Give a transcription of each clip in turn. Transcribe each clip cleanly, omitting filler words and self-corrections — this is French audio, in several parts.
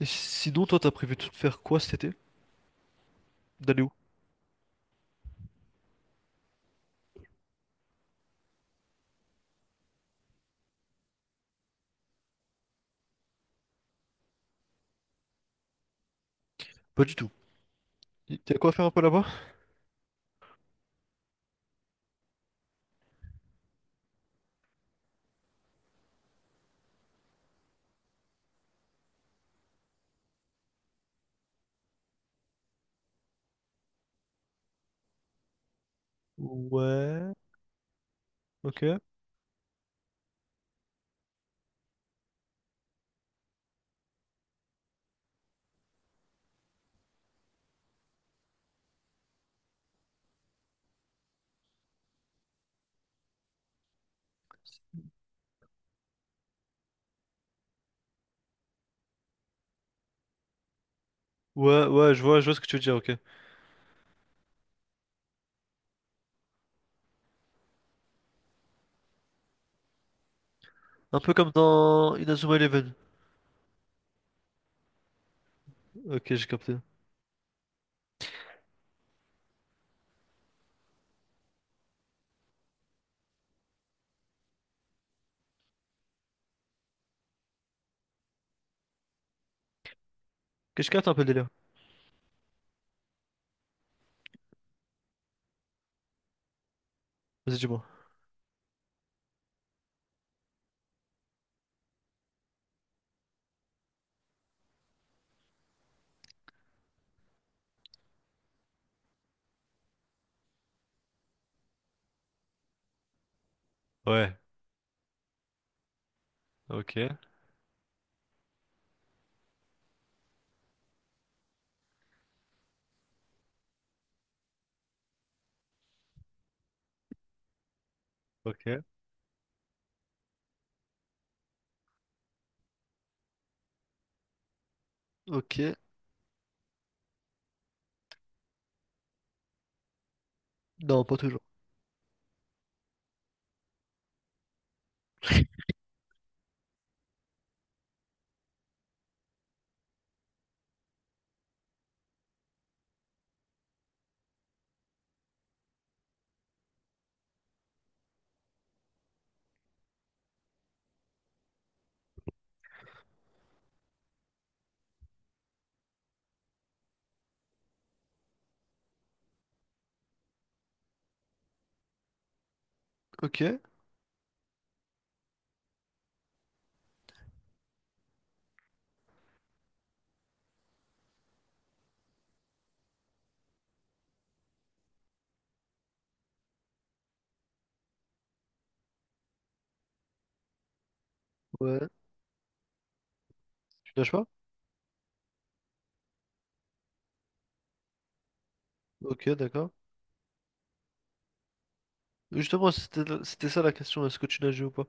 Et sinon, toi, t'as prévu de faire quoi cet été? D'aller où? Pas du tout. T'as quoi à faire un peu là-bas? Ouais, ok. Ouais, ouais, je vois ce que tu veux dire, ok. Un peu comme dans Inazuma Eleven. Ok, j'ai capté. Ok, je capte un peu le délire. Vas-y, dis-moi. Ouais, ok, ok. Ok. Non, pas toujours. Ok. Ouais. Tu nages pas? Ok, d'accord. Justement, c'était c'était ça la question, est-ce que tu nages ou pas?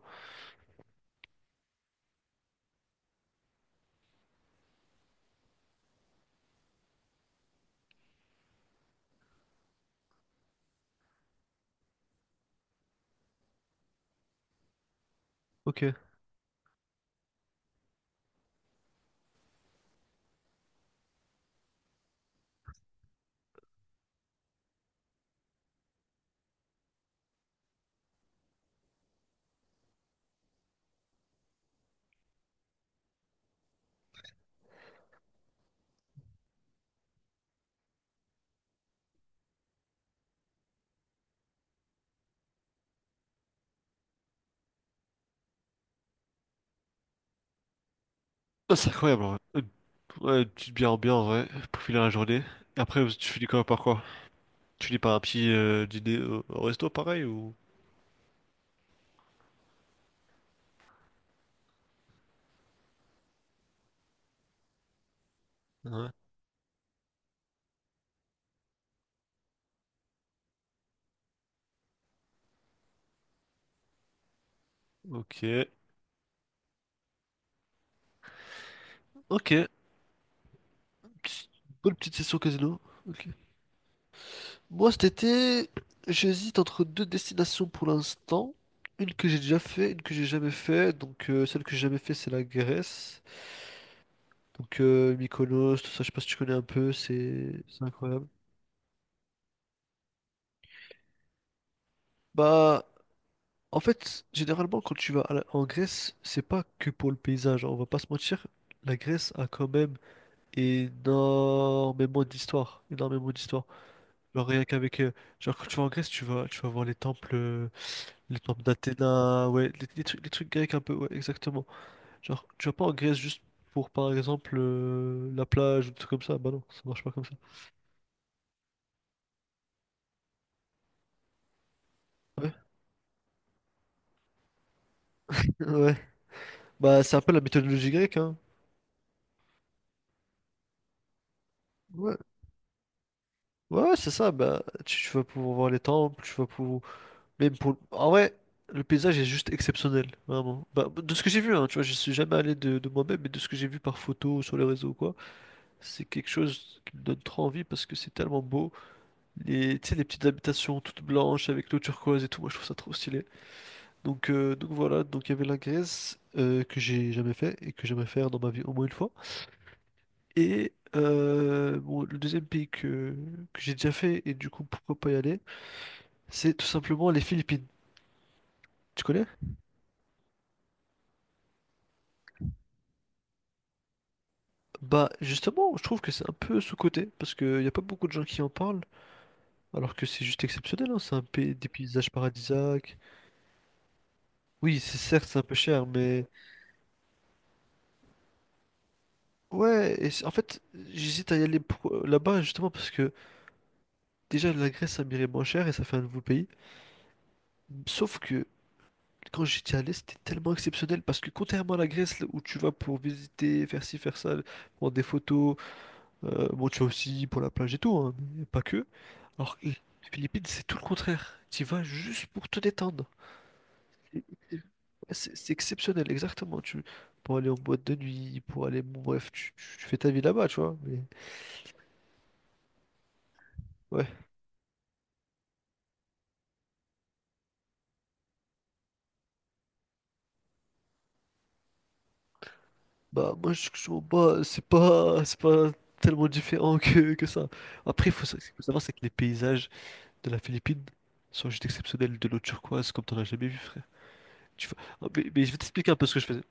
Ok. Ah, c'est incroyable, en vrai. Une, ouais, une petite bière ambiante, ouais, pour finir la journée. Et après, tu finis quoi par quoi? Tu lis par un petit dîner au, au resto, pareil, ou... Ouais. Ok. Ok. Petite- Bonne petite session casino. Ok. Moi, cet été, j'hésite entre deux destinations pour l'instant. Une que j'ai déjà fait, une que j'ai jamais fait. Donc, celle que j'ai jamais fait, c'est la Grèce. Donc, Mykonos, tout ça, je sais pas si tu connais un peu, c'est incroyable. Bah, en fait, généralement, quand tu vas en Grèce, c'est pas que pour le paysage, hein, on va pas se mentir. La Grèce a quand même énormément d'histoires, énormément d'histoires. Genre rien qu'avec, genre quand tu vas en Grèce, tu vas voir les temples d'Athéna, ouais, les trucs grecs un peu, ouais, exactement. Genre tu vas pas en Grèce juste pour par exemple la plage ou des trucs comme ça, bah non, ça marche pas comme ça. Ouais, ouais. Bah c'est un peu la mythologie grecque, hein. Ouais, ouais, c'est ça. Bah tu vas pouvoir voir les temples, tu vas pouvoir. Même pour... En vrai, le paysage est juste exceptionnel, vraiment. Bah, de ce que j'ai vu, hein, tu vois, je suis jamais allé de moi-même, mais de ce que j'ai vu par photo, sur les réseaux ou quoi, c'est quelque chose qui me donne trop envie parce que c'est tellement beau. Les, tu sais, les petites habitations toutes blanches avec l'eau turquoise et tout, moi je trouve ça trop stylé. Donc voilà, donc il y avait la Grèce que j'ai jamais fait et que j'aimerais faire dans ma vie au moins une fois. Et bon, le deuxième pays que j'ai déjà fait et du coup pourquoi pas y aller, c'est tout simplement les Philippines. Tu connais? Bah justement, je trouve que c'est un peu sous-coté, parce qu'il n'y a pas beaucoup de gens qui en parlent, alors que c'est juste exceptionnel, hein, c'est un pays, des paysages paradisiaques. Oui, c'est certes, c'est un peu cher, mais... En fait, j'hésite à y aller là-bas, justement, parce que déjà, la Grèce, ça m'irait moins cher et ça fait un nouveau pays. Sauf que quand j'étais allé, c'était tellement exceptionnel, parce que contrairement à la Grèce, là, où tu vas pour visiter, faire ci, faire ça, prendre des photos. Bon, tu vas aussi pour la plage et tout, hein, mais pas que. Alors, que les Philippines, c'est tout le contraire. Tu y vas juste pour te détendre. C'est exceptionnel, exactement. Tu, pour aller en boîte de nuit, pour aller, bon, bref, tu fais ta vie là-bas, tu vois. Mais ouais, bah moi je trouve pas, c'est pas tellement différent que ça. Après, faut savoir c'est que les paysages de la Philippine sont juste exceptionnels, de l'eau turquoise comme t'en as jamais vu, frère. Ah, mais je vais t'expliquer un peu ce que je faisais.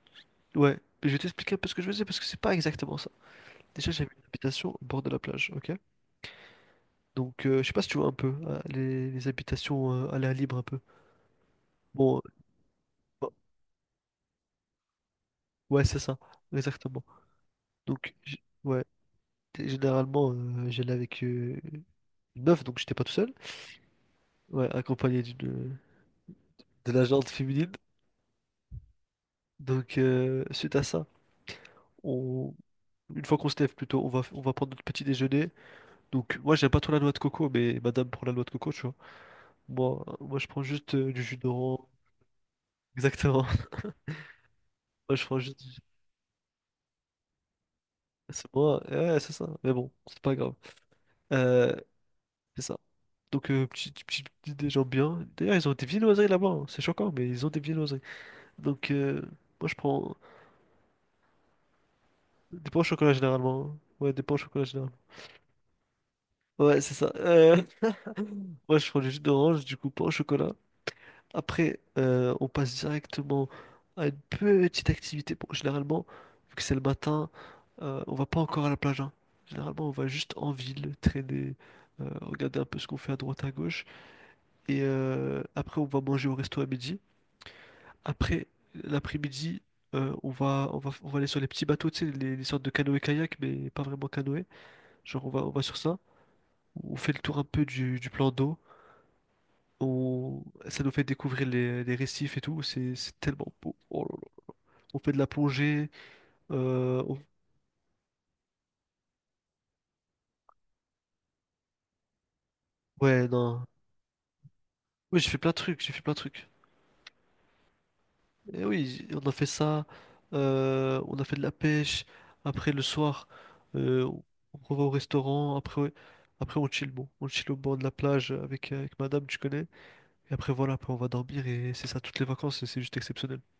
Ouais, mais je vais t'expliquer un peu ce que je faisais parce que c'est pas exactement ça. Déjà, j'avais une habitation au bord de la plage, ok? Donc, je sais pas si tu vois un peu les habitations à l'air libre un peu. Bon, euh, bon, ouais, c'est ça, exactement. Ouais, généralement, j'allais avec une meuf, donc j'étais pas tout seul. Ouais, accompagné d'une. De l'agente féminine. Donc, suite à ça, on, une fois qu'on se lève plutôt, on va prendre notre petit déjeuner. Donc, moi, j'aime pas trop la noix de coco, mais madame prend la noix de coco, tu vois. Moi, je prends juste du jus d'orange. Exactement. Moi, je prends juste. C'est moi, ouais, c'est ça. Mais bon, c'est pas grave. Euh, c'est ça. Donc, des gens bien. D'ailleurs, ils ont des viennoiseries là-bas, hein. C'est choquant, mais ils ont des viennoiseries. Donc, moi, je prends des pains au chocolat généralement, hein. Ouais, des pains au chocolat généralement. Ouais, c'est ça. Moi, je prends du jus d'orange, du coup, pain au chocolat. Après, on passe directement à une petite activité. Bon, généralement, vu que c'est le matin, on va pas encore à la plage, hein. Généralement, on va juste en ville, traîner, regarder un peu ce qu'on fait à droite à gauche. Et après, on va manger au resto à midi. Après, l'après-midi, on va aller sur les petits bateaux, tu sais, les sortes de canoë-kayak, mais pas vraiment canoë. Genre, on va sur ça. On fait le tour un peu du plan d'eau. On... Ça nous fait découvrir les récifs et tout. C'est tellement beau. Oh là là. On fait de la plongée. euh, on- Ouais, non. Oui, j'ai fait plein de trucs. J'ai fait plein de trucs. Et oui, on a fait ça, on a fait de la pêche, après le soir, euh, on on va au restaurant, après, après on chill, bon, on chill au bord de la plage avec, avec madame, tu connais, et après voilà, après on va dormir et c'est ça toutes les vacances et c'est juste exceptionnel.